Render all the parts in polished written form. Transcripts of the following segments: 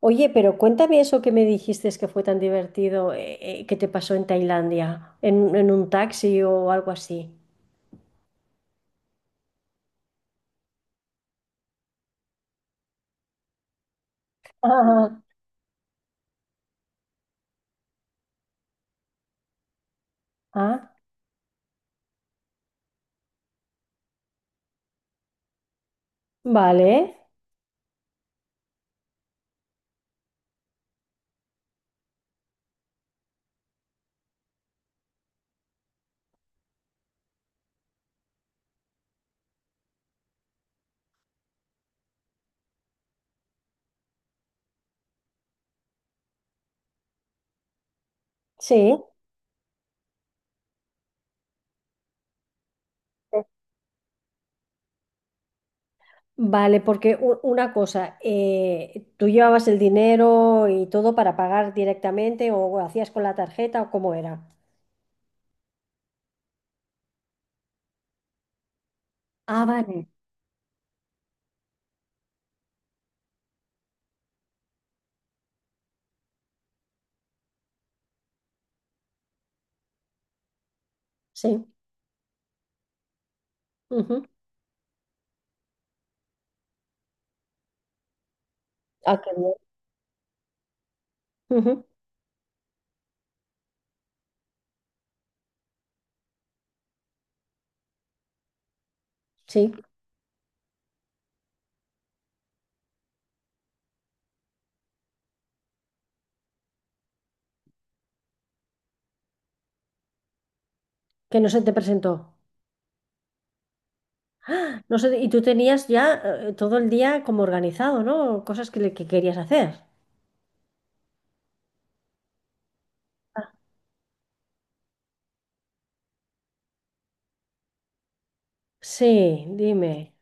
Oye, pero cuéntame eso que me dijiste que fue tan divertido, que te pasó en Tailandia, en un taxi o algo así. Ah. Ah, vale, sí. Vale, porque una cosa, ¿tú llevabas el dinero y todo para pagar directamente o hacías con la tarjeta o cómo era? Ah, vale, sí. Ujú. Ah, qué bien. Ujú. Sí, que no se te presentó. No sé, y tú tenías ya todo el día como organizado, ¿no? Cosas que, que querías hacer. Sí, dime.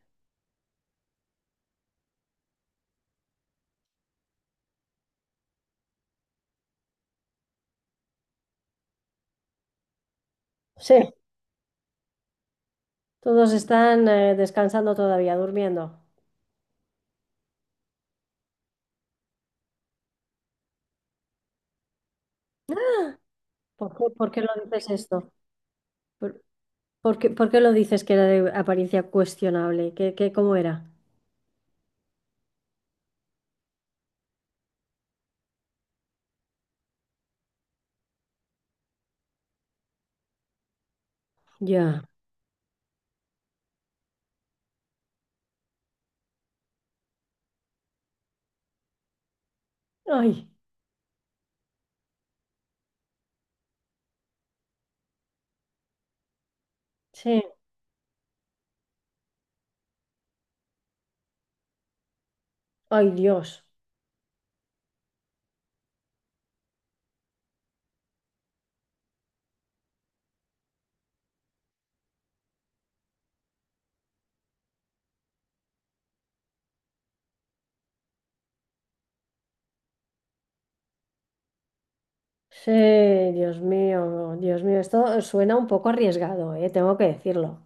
Sí, todos están descansando todavía, durmiendo. Por qué lo dices esto? ¿Por, ¿por qué, por qué lo dices que era de apariencia cuestionable? ¿Qué, qué, cómo era? Ya. Ay, sí. Ay, Dios. Sí, Dios mío, Dios mío. Esto suena un poco arriesgado, tengo que decirlo.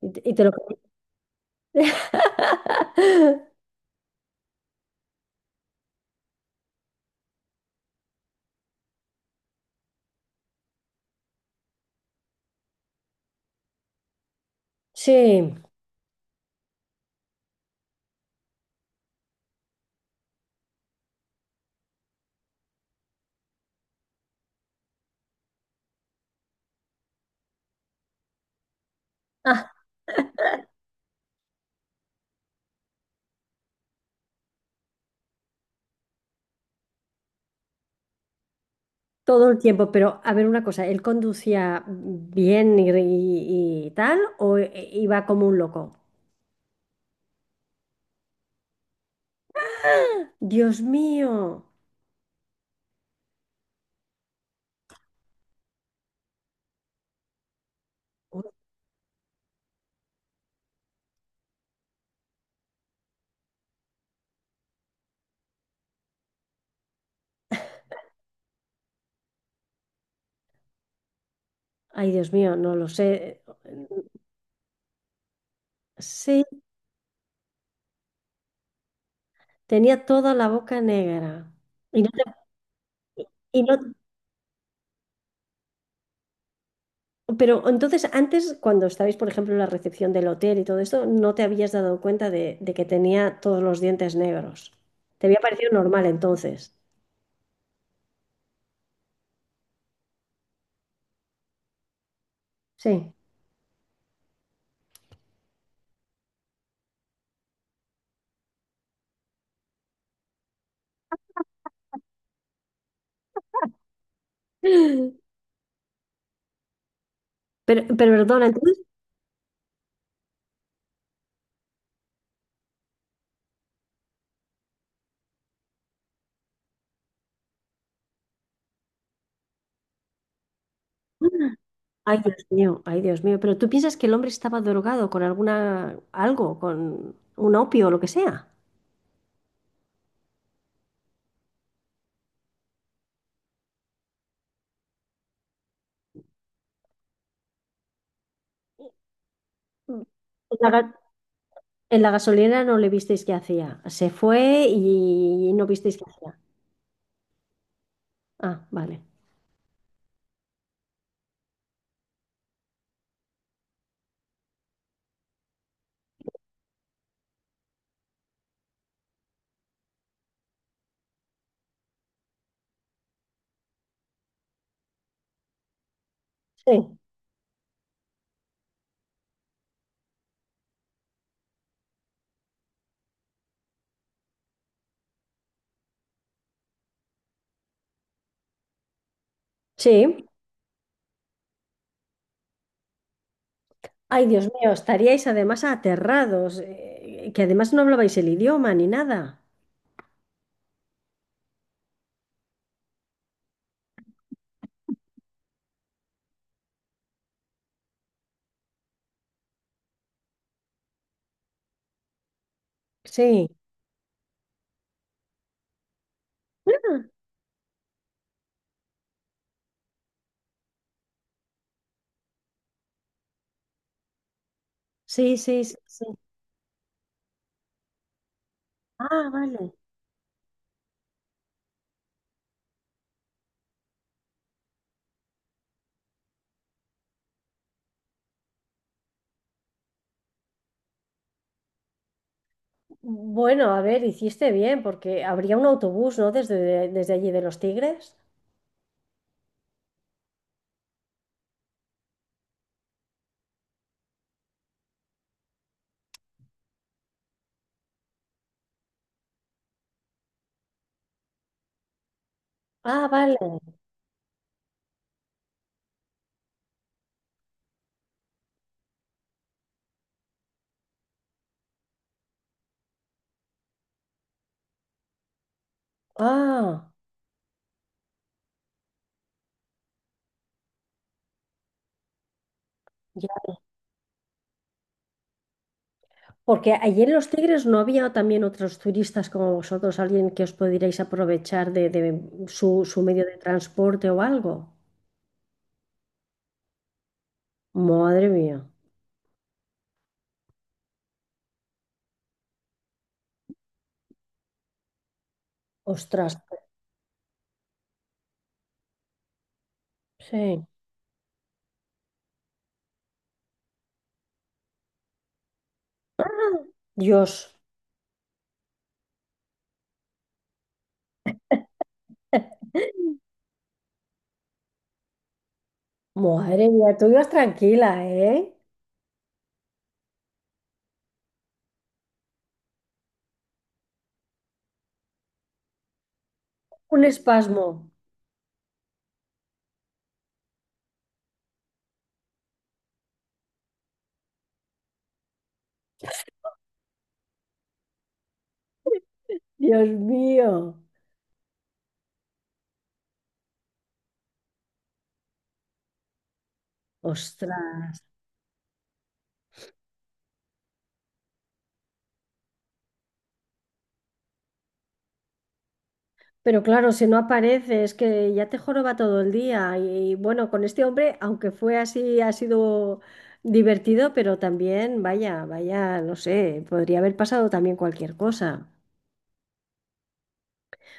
Y te lo... Sí. Todo el tiempo, pero a ver una cosa, ¿él conducía bien y tal o iba como un loco? Dios mío, ay, Dios mío, no lo sé. Sí, tenía toda la boca negra. Y no te- y no- pero entonces antes, cuando estabais, por ejemplo, en la recepción del hotel y todo esto, no te habías dado cuenta de que tenía todos los dientes negros. Te había parecido normal entonces. Sí. Pero perdona, entonces... Ay, Dios mío, ay, Dios mío. Pero tú piensas que el hombre estaba drogado con alguna, algo, con un opio o lo que sea. Mm. En la, ga- en la gasolinera no le visteis qué hacía. Se fue y no visteis qué hacía. Ah, vale. Sí. Sí. Ay, Dios mío, estaríais además aterrados, que además no hablabais el idioma ni nada. Sí. Ah. Sí, sí, sí, sí. Ah, vale. Bueno, a ver, hiciste bien, porque habría un autobús, ¿no? Desde allí de Los Tigres. Ah, vale. Ah, ya. Porque allí en Los Tigres no había también otros turistas como vosotros, alguien que os pudierais aprovechar de su, su medio de transporte o algo. Madre mía. Ostras. Sí. Dios. Madre mía, tú ibas tranquila, ¿eh? Un espasmo. Dios mío. Pero claro, si no aparece, es que ya te joroba todo el día. Y bueno, con este hombre, aunque fue así, ha sido divertido, pero también, vaya, vaya, no sé, podría haber pasado también cualquier cosa.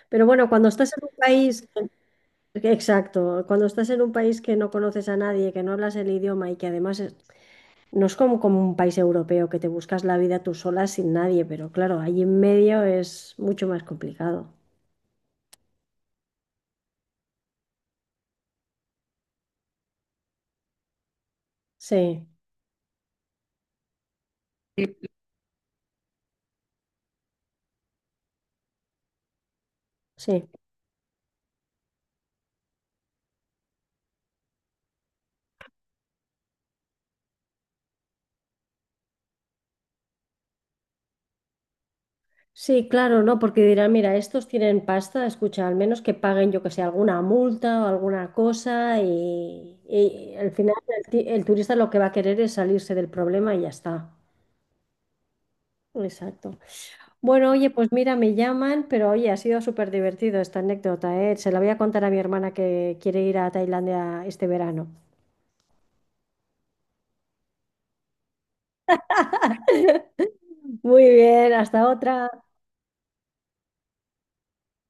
Pero bueno, cuando estás en un país, exacto, cuando estás en un país que no conoces a nadie, que no hablas el idioma y que además no es como, como un país europeo que te buscas la vida tú sola sin nadie, pero claro, allí en medio es mucho más complicado. Sí, sí. Sí, claro, ¿no? Porque dirán, mira, estos tienen pasta, escucha, al menos que paguen, yo que sé, alguna multa o alguna cosa y al final el, el turista lo que va a querer es salirse del problema y ya está. Exacto. Bueno, oye, pues mira, me llaman, pero oye, ha sido súper divertido esta anécdota, ¿eh? Se la voy a contar a mi hermana que quiere ir a Tailandia este verano. Muy bien, hasta otra.